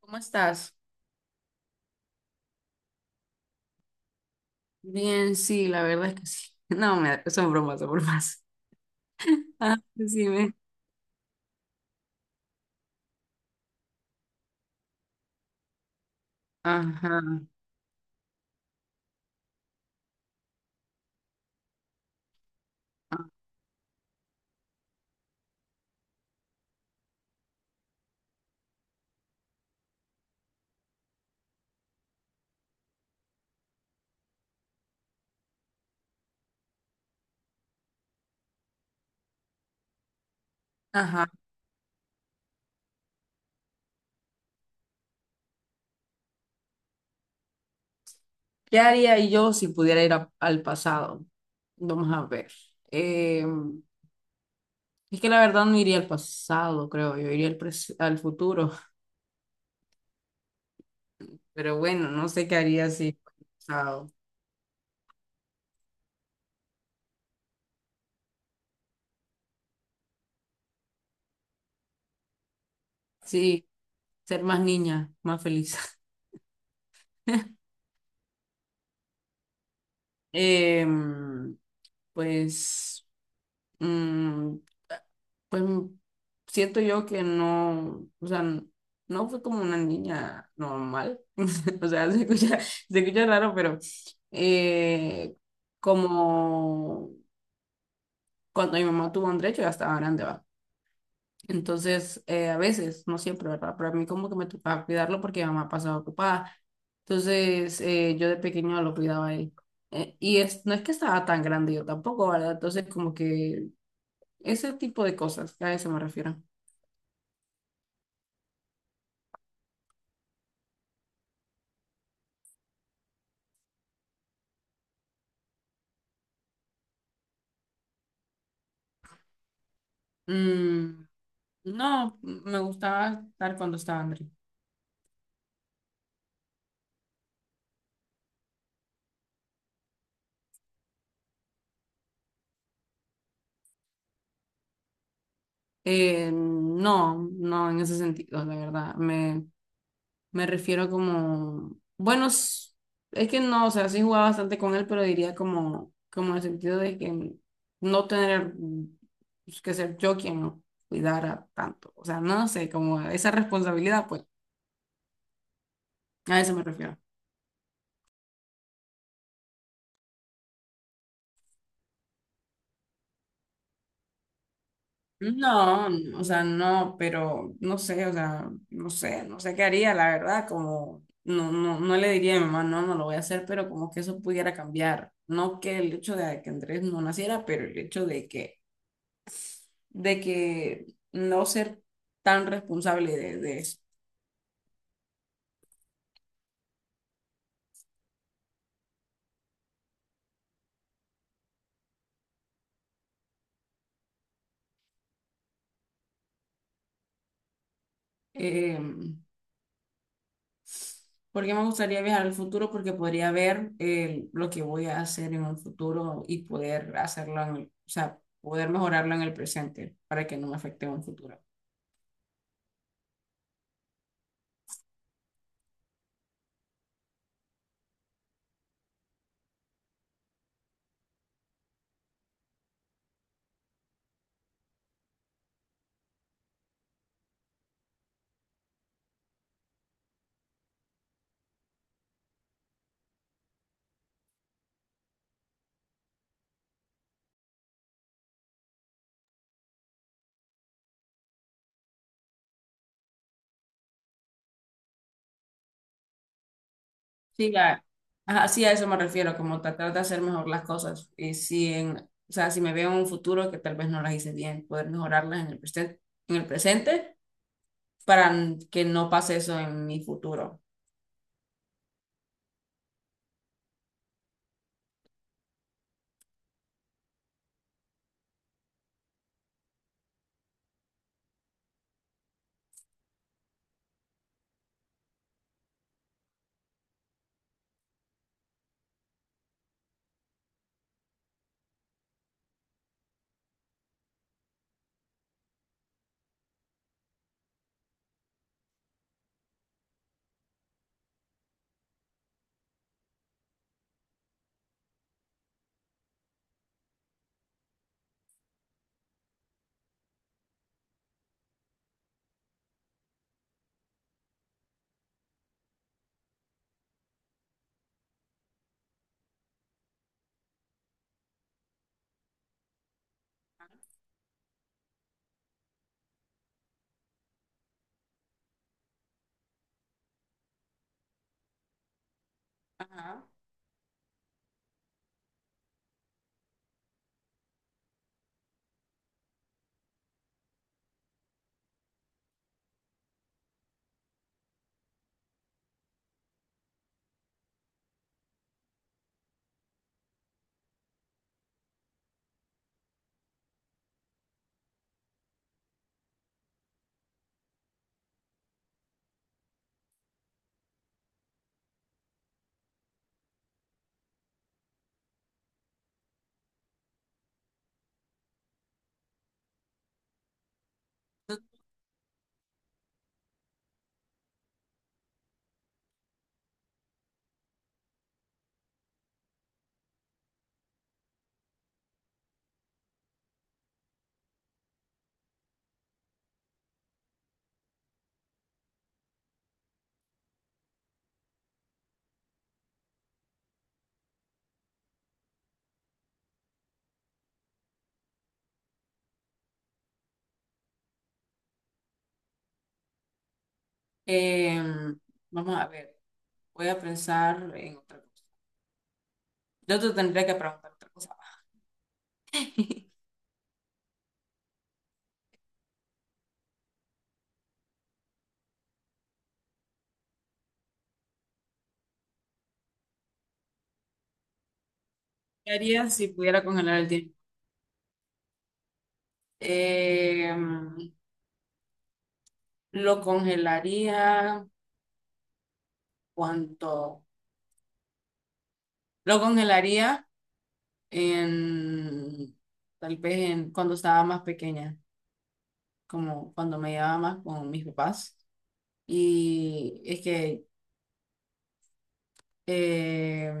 ¿Cómo estás? Bien, sí, la verdad es que sí. No, me, son bromas, son bromas. Ah, decime. Ajá, ajá. ¿Qué haría yo si pudiera ir al pasado? Vamos a ver. Eh, es que la verdad no iría al pasado, creo. Yo iría al, al futuro. Pero bueno, no sé qué haría si fuera al pasado. Sí, ser más niña, más feliz. Em, pues. mm, pues siento yo que no, o sea, no fue como una niña normal, o sea, se escucha raro, pero eh, como cuando mi mamá tuvo a Andrés, yo ya estaba grande, va. Entonces, a veces, no siempre, ¿verdad? Pero a mí como que me tocaba cuidarlo porque mi mamá pasaba ocupada. Entonces, yo de pequeño lo cuidaba a él. Y es, no es que estaba tan grande yo tampoco, ¿verdad? Entonces, como que ese tipo de cosas, a eso me refiero. Mm, no, me gustaba estar cuando estaba André. No, no en ese sentido, la verdad. Me refiero como, bueno, es que no, o sea, sí jugaba bastante con él, pero diría como, como en el sentido de que no tener que ser yo quien lo cuidara tanto. O sea, no sé, como esa responsabilidad, pues, a eso me refiero. No, o sea, no, pero no sé, o sea, no sé, no sé qué haría, la verdad, como no, no, no le diría a mi mamá, no, no lo voy a hacer, pero como que eso pudiera cambiar. No que el hecho de que Andrés no naciera, pero el hecho de que no ser tan responsable de eso. Em, Porque me gustaría viajar al futuro porque podría ver lo que voy a hacer en un futuro y poder hacerlo, en o sea, poder mejorarlo en el presente para que no me afecte en un futuro. Sí, a, ajá, sí, a eso me refiero, como tratar de hacer mejor las cosas. Y si en, o sea, si me veo en un futuro que tal vez no las hice bien, poder mejorarlas en el presente para que no pase eso en mi futuro. Ajá. Em, Vamos a ver, voy a pensar en otra cosa. Yo te tendría que preguntar otra cosa. ¿Qué haría si pudiera congelar el tiempo? Em, lo congelaría cuánto. Lo congelaría en, tal vez en, cuando estaba más pequeña, como cuando me llevaba más con mis papás. Y es que, eh,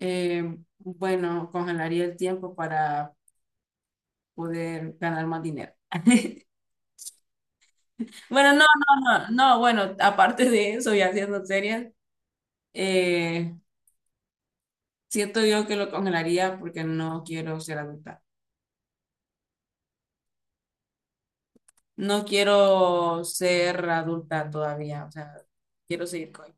bueno, congelaría el tiempo para poder ganar más dinero. Bueno, no, no, no, no, bueno, aparte de eso y haciendo serias, eh, siento yo que lo congelaría porque no quiero ser adulta. No quiero ser adulta todavía, o sea, quiero seguir con.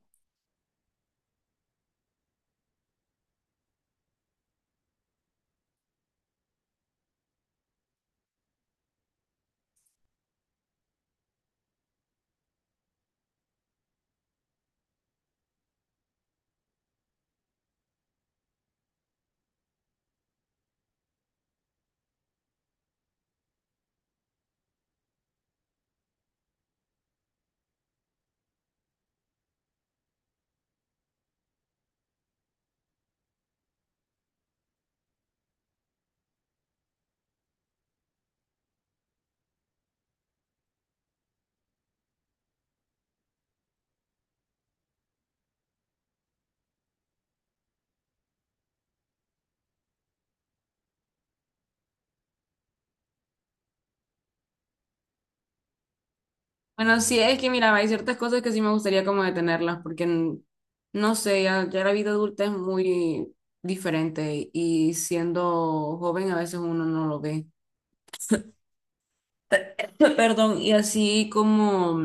Bueno, sí, es que mira, hay ciertas cosas que sí me gustaría como detenerlas, porque no sé, ya, ya la vida adulta es muy diferente y siendo joven a veces uno no lo ve. Perdón, y así como.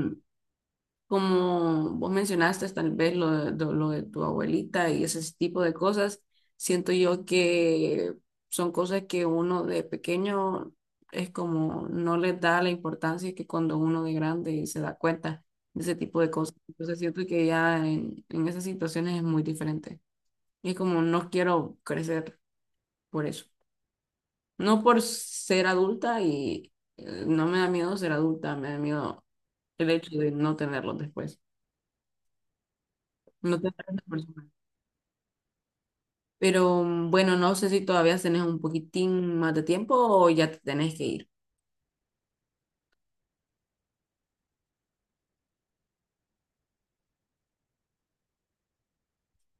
Como vos mencionaste, tal vez lo de, lo de tu abuelita y ese tipo de cosas, siento yo que son cosas que uno de pequeño es como no les da la importancia que cuando uno de grande se da cuenta de ese tipo de cosas. Entonces siento que ya en esas situaciones es muy diferente. Y es como no quiero crecer por eso. No por ser adulta y no me da miedo ser adulta, me da miedo el hecho de no tenerlos después. No tener esa persona. Pero bueno, no sé si todavía tenés un poquitín más de tiempo o ya te tenés que ir.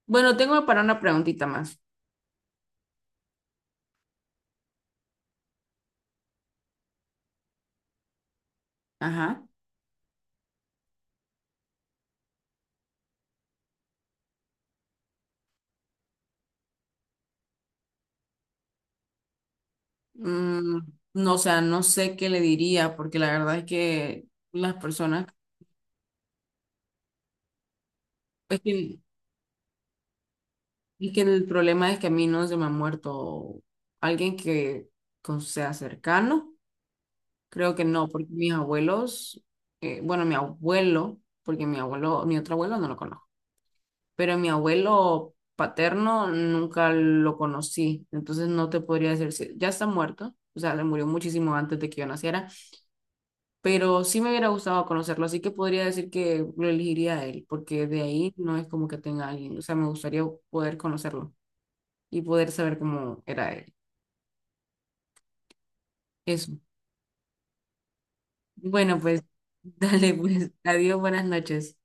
Bueno, tengo para una preguntita más. Ajá. Mm, no, o sea, no sé qué le diría, porque la verdad es que las personas, es que, es que el problema es que a mí no se me ha muerto alguien que sea cercano. Creo que no, porque mis abuelos, bueno, mi abuelo, porque mi abuelo, mi otro abuelo no lo conozco. Pero mi abuelo paterno nunca lo conocí, entonces no te podría decir si ya está muerto, o sea, le murió muchísimo antes de que yo naciera, pero sí me hubiera gustado conocerlo, así que podría decir que lo elegiría a él, porque de ahí no es como que tenga alguien, o sea, me gustaría poder conocerlo y poder saber cómo era él. Eso. Bueno, pues dale, pues adiós, buenas noches.